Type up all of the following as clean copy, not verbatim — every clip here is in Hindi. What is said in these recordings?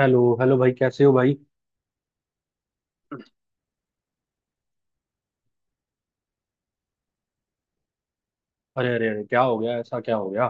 हेलो हेलो भाई, कैसे हो भाई? अरे अरे अरे, क्या हो गया? ऐसा क्या हो गया?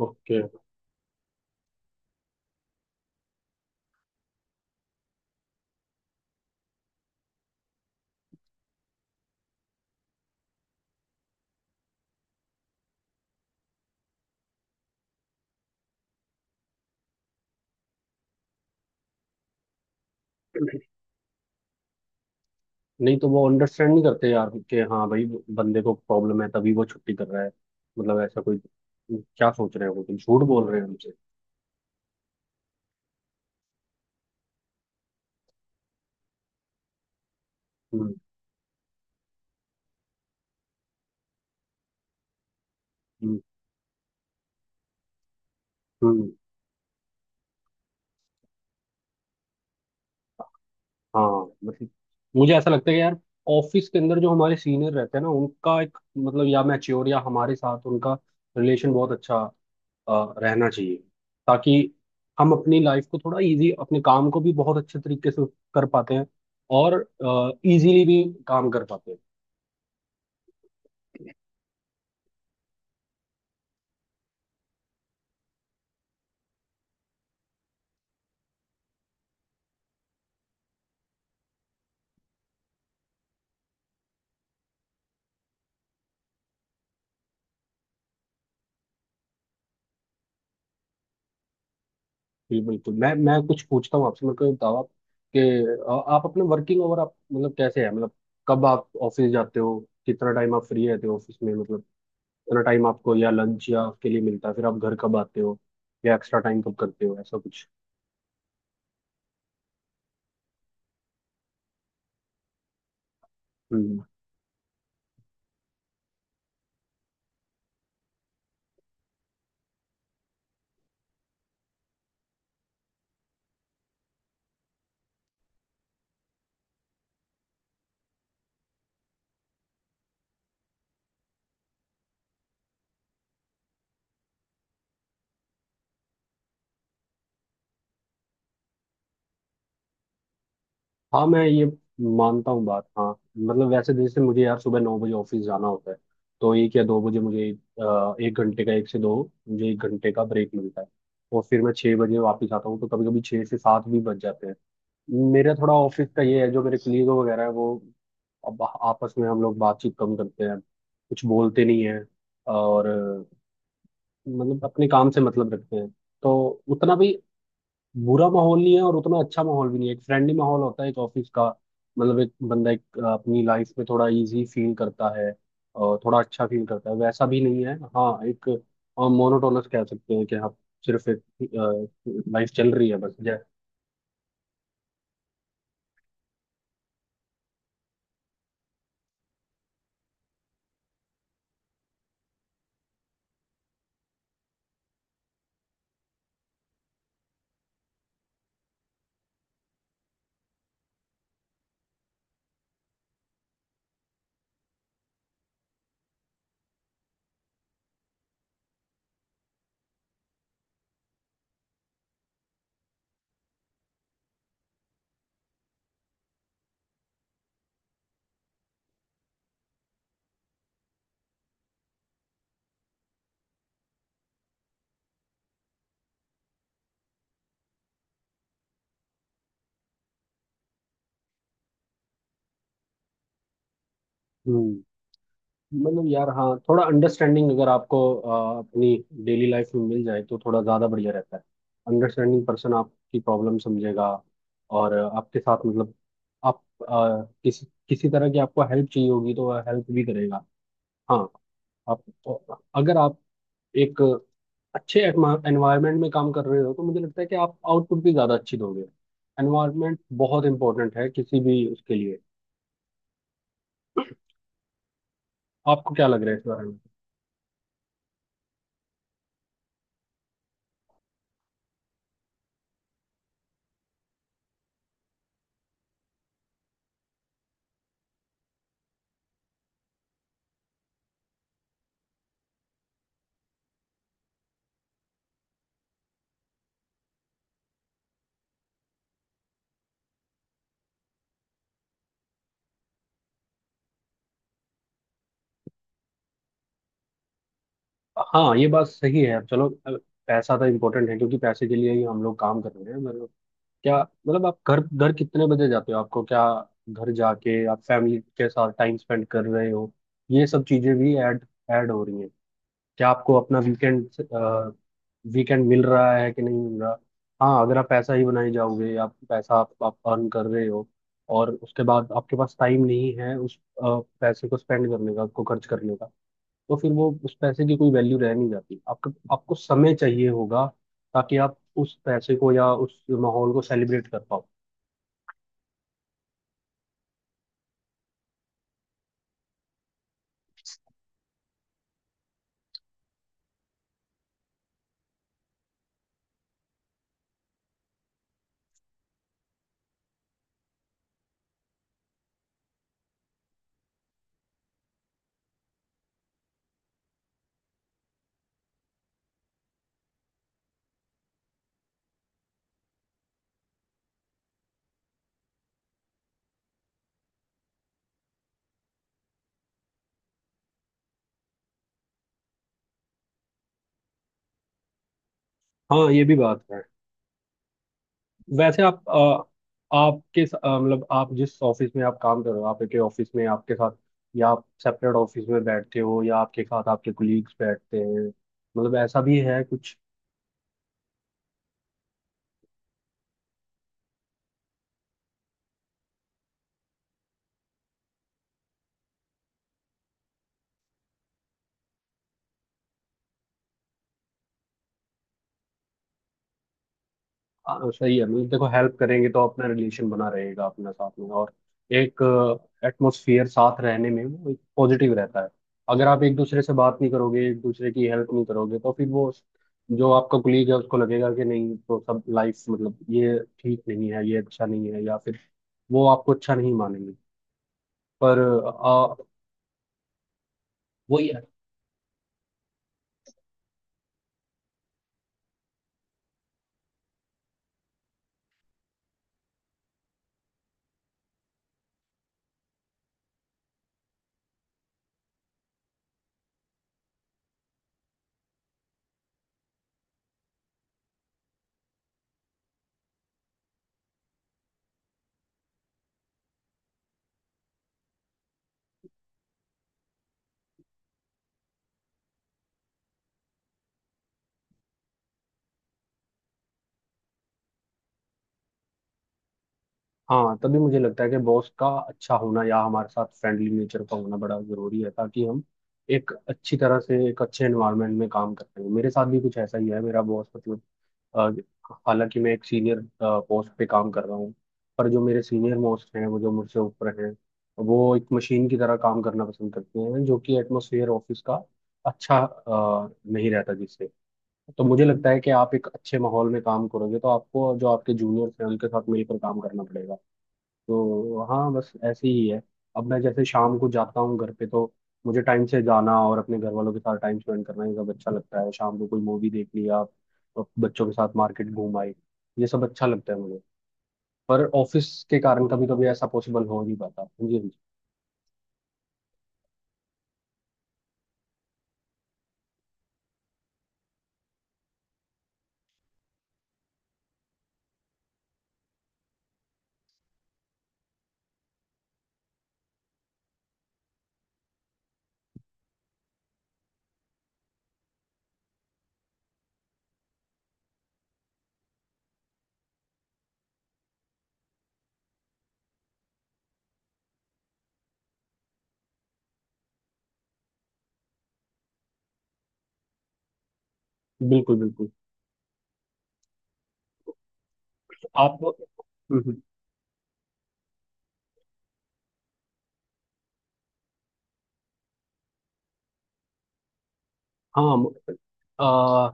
ओके। नहीं तो वो अंडरस्टैंड नहीं करते यार, कि हाँ भाई, बंदे को प्रॉब्लम है तभी वो छुट्टी कर रहा है। मतलब ऐसा कोई। क्या सोच रहे हो, तुम झूठ बोल रहे हो हमसे? हम्म, हम्म, हम्म। हाँ, मतलब, मुझे ऐसा लगता है कि यार, ऑफिस के अंदर जो हमारे सीनियर रहते हैं ना, उनका एक मतलब या मैच्योर या हमारे साथ उनका रिलेशन बहुत अच्छा रहना चाहिए। ताकि हम अपनी लाइफ को थोड़ा इजी, अपने काम को भी बहुत अच्छे तरीके से कर पाते हैं, और इजीली भी काम कर पाते हैं। जी बिल्कुल, मैं कुछ पूछता हूँ आपसे, मेरे को ये बताओ आप कि आप अपने वर्किंग आवर, आप मतलब कैसे है, मतलब कब आप ऑफिस जाते हो, कितना टाइम आप फ्री रहते हो ऑफिस में, मतलब कितना टाइम आपको या लंच या आपके लिए मिलता है, फिर आप घर कब आते हो या एक्स्ट्रा टाइम कब करते हो, ऐसा कुछ। हम्म। हाँ, मैं ये मानता हूँ बात, हाँ। मतलब, वैसे जैसे मुझे यार सुबह 9 बजे ऑफिस जाना होता है। तो 1 या 2 बजे मुझे 1 घंटे का, 1 से 2, मुझे 1 घंटे का ब्रेक मिलता है। और फिर मैं 6 बजे वापस आता हूँ, तो कभी कभी 6 से 7 भी बज जाते हैं। मेरा थोड़ा ऑफिस का ये है, जो मेरे कलीग वगैरह है, वो अब आपस में हम लोग बातचीत कम करते हैं। कुछ बोलते नहीं हैं, और मतलब अपने काम से मतलब रखते हैं। तो उतना भी बुरा माहौल नहीं है, और उतना अच्छा माहौल भी नहीं है, एक फ्रेंडली माहौल होता है एक ऑफिस का। मतलब एक बंदा एक अपनी लाइफ में थोड़ा इजी फील करता है और थोड़ा अच्छा फील करता है, वैसा भी नहीं है। हाँ, एक मोनोटोनस कह सकते हैं कि हाँ, सिर्फ एक लाइफ चल रही है बस, जय। हम्म मतलब यार, हाँ, थोड़ा अंडरस्टैंडिंग अगर आपको अपनी डेली लाइफ में मिल जाए तो थोड़ा ज़्यादा बढ़िया रहता है। अंडरस्टैंडिंग पर्सन आपकी प्रॉब्लम समझेगा, और आपके साथ मतलब आप किसी किसी तरह की आपको हेल्प चाहिए होगी तो वह हेल्प भी करेगा। हाँ, आप, अगर आप एक अच्छे एनवायरनमेंट में काम कर रहे हो तो मुझे लगता है कि आप आउटपुट भी ज़्यादा अच्छी दोगे। एनवायरनमेंट बहुत इंपॉर्टेंट है किसी भी उसके लिए, आपको क्या लग रहा है इस बारे में? हाँ, ये बात सही है। अब चलो, अब पैसा तो इम्पोर्टेंट है क्योंकि पैसे के लिए ही हम लोग काम कर रहे हैं, मतलब। क्या मतलब, आप घर घर कितने बजे जाते हो, आपको क्या, घर जाके आप फैमिली के साथ टाइम स्पेंड कर रहे हो? ये सब चीजें भी ऐड ऐड हो रही हैं। क्या आपको अपना वीकेंड वीकेंड मिल रहा है कि नहीं मिल रहा? हाँ, अगर आप पैसा ही बनाए जाओगे, आप पैसा, आप अर्न कर रहे हो, और उसके बाद आपके पास टाइम नहीं है उस पैसे को स्पेंड करने का, उसको खर्च करने का, तो फिर वो उस पैसे की कोई वैल्यू रह नहीं जाती, आपको आपको समय चाहिए होगा, ताकि आप उस पैसे को या उस माहौल को सेलिब्रेट कर पाओ। हाँ, ये भी बात है। वैसे आप मतलब आप जिस ऑफिस में आप काम कर रहे हो, आप एक ऑफिस में आपके साथ, या आप सेपरेट ऑफिस में बैठते हो, या आपके साथ आपके कुलीग्स बैठते हैं, मतलब ऐसा भी है कुछ? हाँ, तो सही है। मतलब देखो, हेल्प करेंगे तो अपना रिलेशन बना रहेगा अपना, साथ में और एक एटमोसफियर, साथ रहने में वो एक पॉजिटिव रहता है। अगर आप एक दूसरे से बात नहीं करोगे, एक दूसरे की हेल्प नहीं करोगे, तो फिर वो जो आपका कुलीग है, उसको लगेगा कि नहीं, तो सब लाइफ, मतलब ये ठीक नहीं है, ये अच्छा नहीं है, या फिर वो आपको अच्छा नहीं मानेंगे। पर आ, वही। हाँ, तभी मुझे लगता है कि बॉस का अच्छा होना या हमारे साथ फ्रेंडली नेचर का होना बड़ा जरूरी है, ताकि हम एक अच्छी तरह से, एक अच्छे एनवायरनमेंट में काम कर सकें। मेरे साथ भी कुछ ऐसा ही है, मेरा बॉस मतलब, अ, हालांकि मैं एक सीनियर पोस्ट पे काम कर रहा हूँ, पर जो मेरे सीनियर मोस्ट हैं, वो जो मुझसे ऊपर हैं, वो एक मशीन की तरह काम करना पसंद करते हैं, जो कि एटमोसफियर ऑफिस का अच्छा नहीं रहता, जिससे। तो मुझे लगता है कि आप एक अच्छे माहौल में काम करोगे, तो आपको जो आपके जूनियर्स हैं उनके साथ मिलकर काम करना पड़ेगा। तो हाँ, बस ऐसे ही है। अब मैं जैसे शाम को जाता हूँ घर पे, तो मुझे टाइम से जाना और अपने घर वालों के साथ टाइम स्पेंड करना, ये सब अच्छा लगता है। शाम को कोई मूवी देख ली आप, तो बच्चों के साथ मार्केट घूम आए, ये सब अच्छा लगता है मुझे। पर ऑफिस के कारण कभी कभी ऐसा पॉसिबल हो नहीं पाता। जी, जी। बिल्कुल बिल्कुल। तो आप, हम्म, हम्म, हाँ, आ,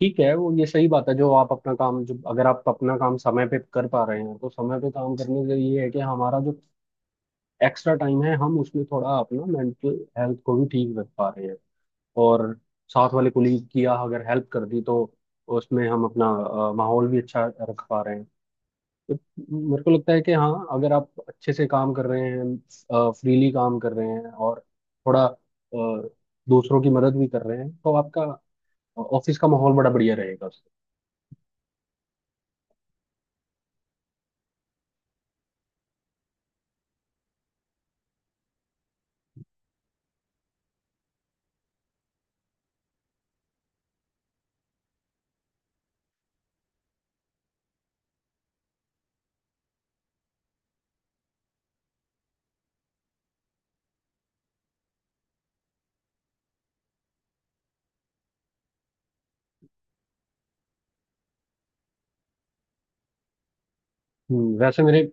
ठीक है वो, ये सही बात है जो आप अपना काम, जो अगर आप अपना काम समय पे कर पा रहे हैं, तो समय पे काम करने से ये है कि हमारा जो एक्स्ट्रा टाइम है, हम उसमें थोड़ा अपना मेंटल हेल्थ को भी ठीक रख पा रहे हैं, और साथ वाले कोलीग की या अगर हेल्प कर दी, तो उसमें हम अपना माहौल भी अच्छा रख पा रहे हैं। तो मेरे को लगता है कि हाँ, अगर आप अच्छे से काम कर रहे हैं, फ्रीली काम कर रहे हैं और थोड़ा दूसरों की मदद भी कर रहे हैं, तो आपका ऑफिस का माहौल बड़ा बढ़िया रहेगा। वैसे मेरे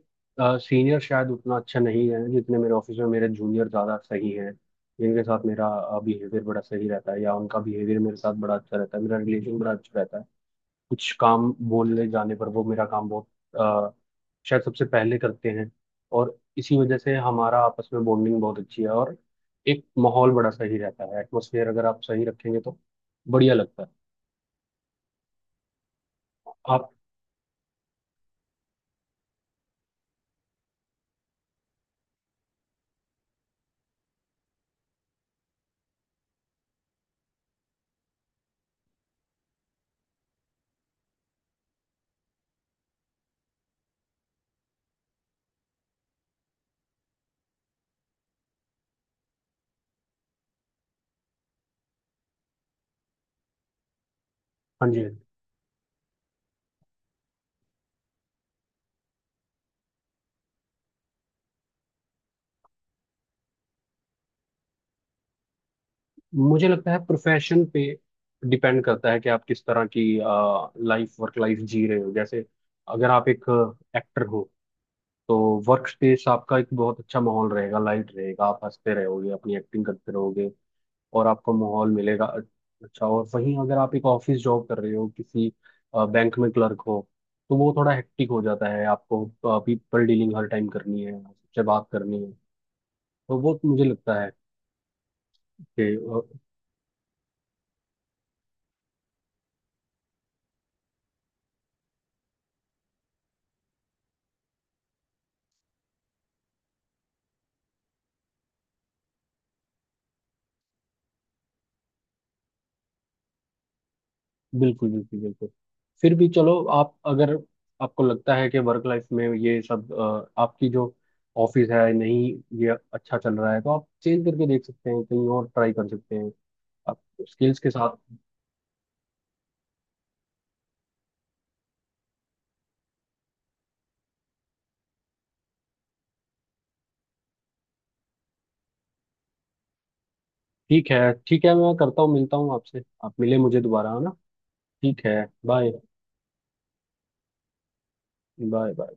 सीनियर शायद उतना अच्छा नहीं है, जितने मेरे ऑफिस में मेरे जूनियर ज़्यादा सही हैं, जिनके साथ मेरा बिहेवियर बड़ा सही रहता है, या उनका बिहेवियर मेरे साथ बड़ा अच्छा रहता है, मेरा रिलेशन बड़ा अच्छा रहता है। कुछ काम बोलने जाने पर वो मेरा काम बहुत अ, शायद सबसे पहले करते हैं, और इसी वजह से हमारा आपस में बॉन्डिंग बहुत अच्छी है, और एक माहौल बड़ा सही रहता है। एटमोसफियर अगर आप सही रखेंगे तो बढ़िया लगता है। आप, हाँ जी। मुझे लगता है प्रोफेशन पे डिपेंड करता है कि आप किस तरह की लाइफ, वर्क लाइफ जी रहे हो, जैसे अगर आप एक एक्टर हो, तो वर्क स्पेस आपका एक बहुत अच्छा माहौल रहेगा, लाइट रहेगा, आप हंसते रहोगे अपनी एक्टिंग करते रहोगे, और आपको माहौल मिलेगा अच्छा। और वहीं अगर आप एक ऑफिस जॉब कर रहे हो, किसी बैंक में क्लर्क हो, तो वो थोड़ा हेक्टिक हो जाता है, आपको पीपल डीलिंग हर टाइम करनी है, सबसे बात करनी है, तो वो मुझे लगता है। बिल्कुल बिल्कुल बिल्कुल। फिर भी चलो, आप, अगर आपको लगता है कि वर्क लाइफ में ये सब आपकी जो ऑफिस है नहीं, ये अच्छा चल रहा है, तो आप चेंज करके देख सकते हैं, कहीं और ट्राई कर सकते हैं आप, स्किल्स के साथ। ठीक है, ठीक है। मैं करता हूँ, मिलता हूँ आपसे, आप मिले मुझे दोबारा, है ना? ठीक है। Bye, bye, bye.